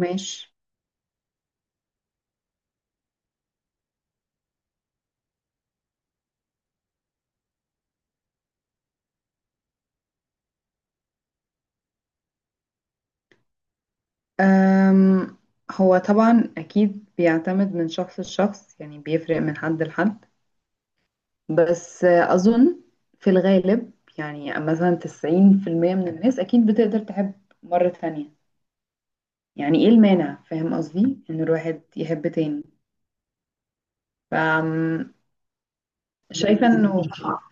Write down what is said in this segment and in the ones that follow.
ماشي. أم هو طبعا أكيد بيعتمد من شخص لشخص، يعني بيفرق من حد لحد. بس أظن في الغالب، يعني مثلا 90% من الناس أكيد بتقدر تحب مرة تانية. يعني إيه المانع، فاهم قصدي إن الواحد يحب تاني؟ ف شايفة إنه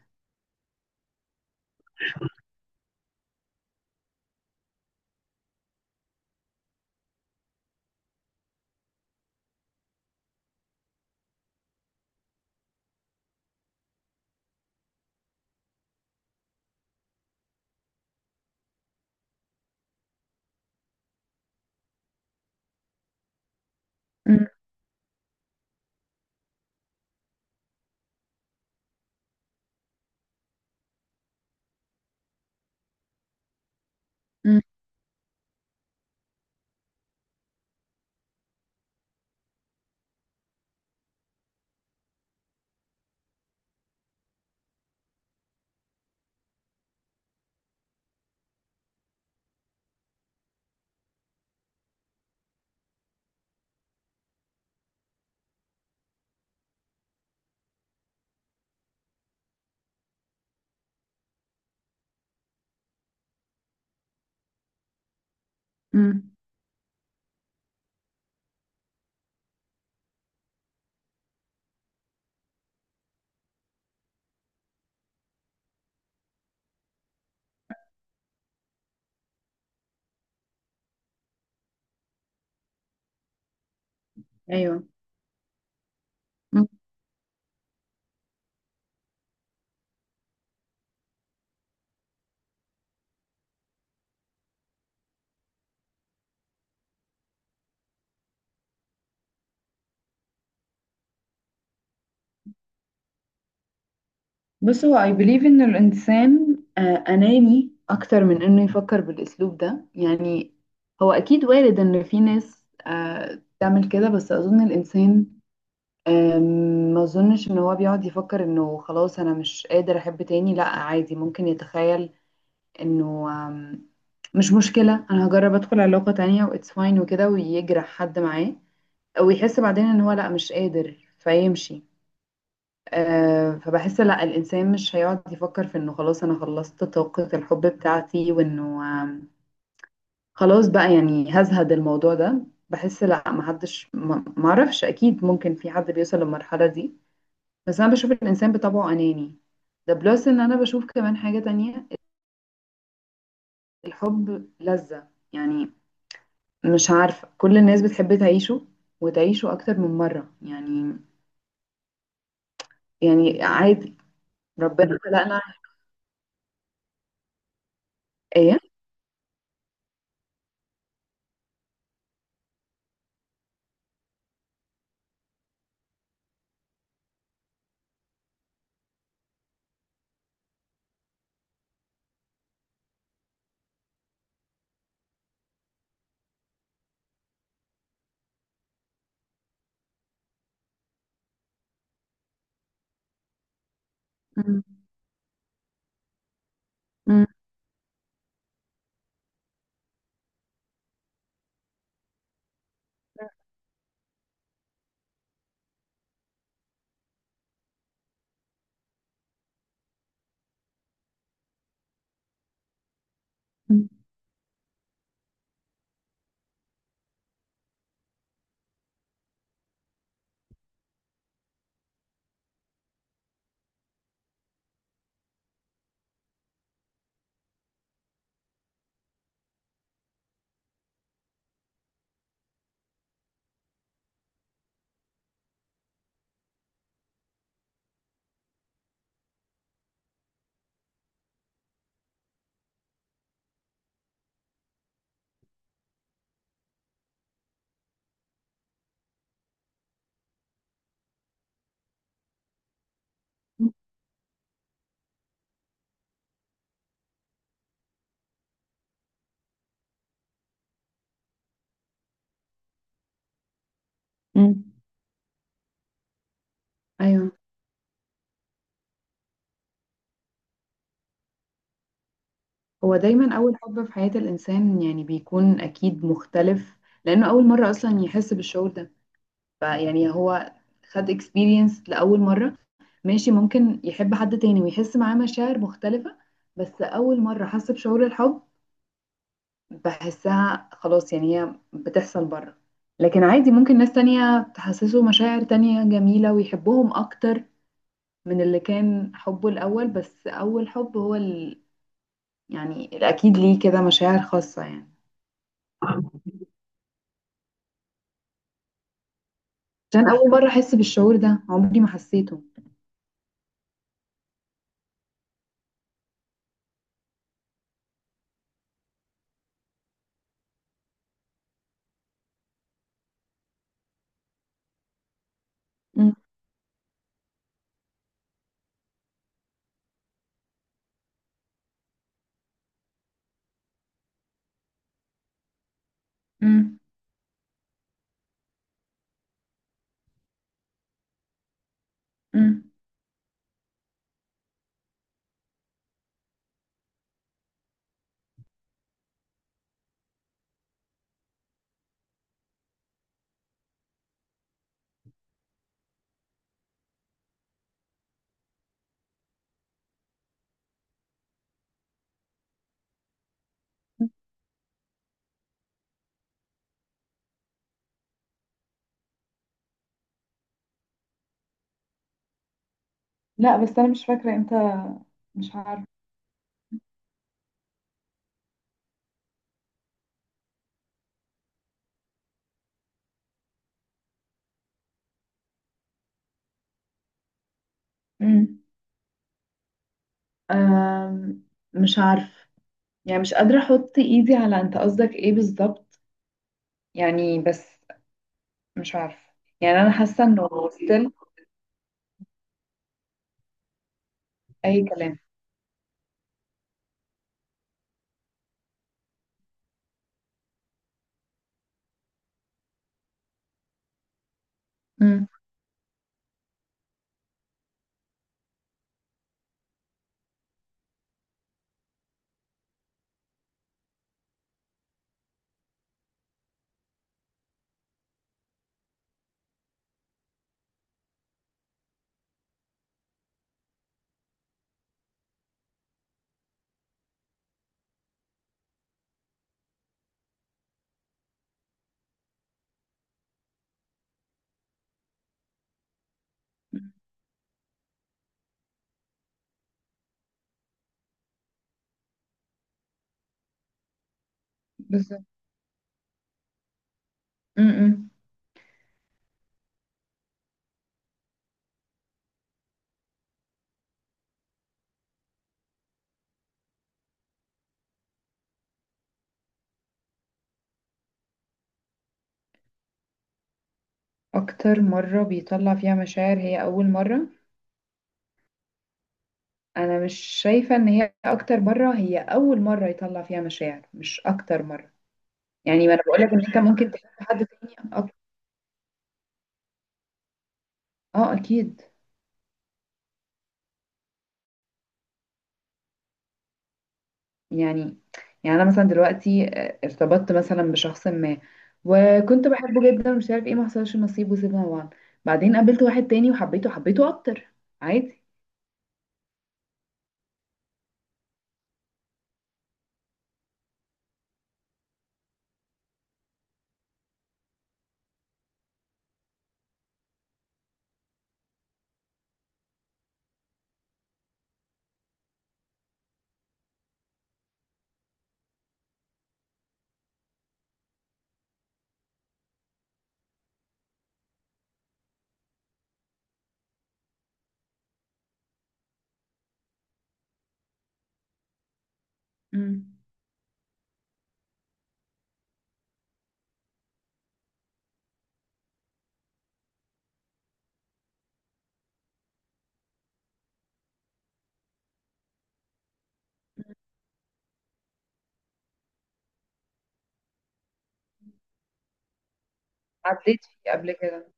م- م- م. أيوه. بص، هو I believe إن الإنسان أناني أكتر من إنه يفكر بالأسلوب ده يعني. هو أكيد وارد إن في ناس تعمل كده، بس أظن الإنسان آم، ما أظنش إن هو بيقعد يفكر إنه خلاص أنا مش قادر أحب تاني. لأ عادي، ممكن يتخيل إنه مش مشكلة، أنا هجرب أدخل علاقة تانية و it's fine وكده، ويجرح حد معاه ويحس بعدين إن هو لأ مش قادر فيمشي. فبحس لا، الإنسان مش هيقعد يفكر في إنه خلاص أنا خلصت طاقة الحب بتاعتي، وإنه خلاص بقى يعني هزهد الموضوع ده. بحس لا، محدش معرفش، أكيد ممكن في حد بيوصل للمرحلة دي، بس أنا بشوف الإنسان بطبعه أناني. ده بلس إن أنا بشوف كمان حاجة تانية، الحب لذة يعني، مش عارفة، كل الناس بتحب تعيشه وتعيشه أكتر من مرة يعني. يعني عادي، ربنا خلقنا. إيه. مم. مم. مم. مم. ايوه. هو دايما اول حب في حياة الانسان يعني بيكون اكيد مختلف، لانه اول مرة اصلا يحس بالشعور ده. فيعني هو خد اكسبيرينس لاول مرة. ماشي، ممكن يحب حد تاني ويحس معاه مشاعر مختلفة، بس اول مرة حس بشعور الحب بحسها خلاص، يعني هي بتحصل بره. لكن عادي، ممكن ناس تانية تحسسه مشاعر تانية جميلة ويحبهم اكتر من اللي كان حبه الاول، بس اول حب هو يعني أكيد ليه كده مشاعر خاصة يعني. عشان أول مرة أحس بالشعور ده، عمري ما حسيته. مم. مم. مم. لا، بس أنا مش فاكرة إمتى، مش عارفة. مم. أم، مش عارفة، يعني مش قادرة أحط إيدي على أنت قصدك إيه بالظبط، يعني بس مش عارفة. يعني أنا حاسة إنه still. أي كلام. مم. بالظبط. مم. مم. أكتر مرة بيطلع فيها مشاعر هي أول مرة. انا مش شايفه ان هي اكتر مره، هي اول مره يطلع فيها مشاعر مش اكتر مره. يعني ما انا بقول لك ان انت ممكن تحب حد تاني اه اكيد. يعني يعني انا مثلا دلوقتي ارتبطت مثلا بشخص ما وكنت بحبه جدا ومش عارف ايه، ما حصلش نصيب وسيبنا بعض. بعدين قابلت واحد تاني وحبيته اكتر، عادي. امم. عديت فيه قبل كده.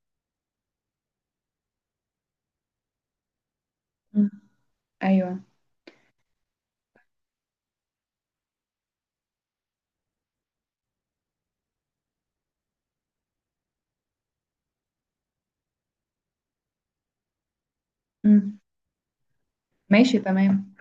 امم. ايوه. امم. ماشي تمام.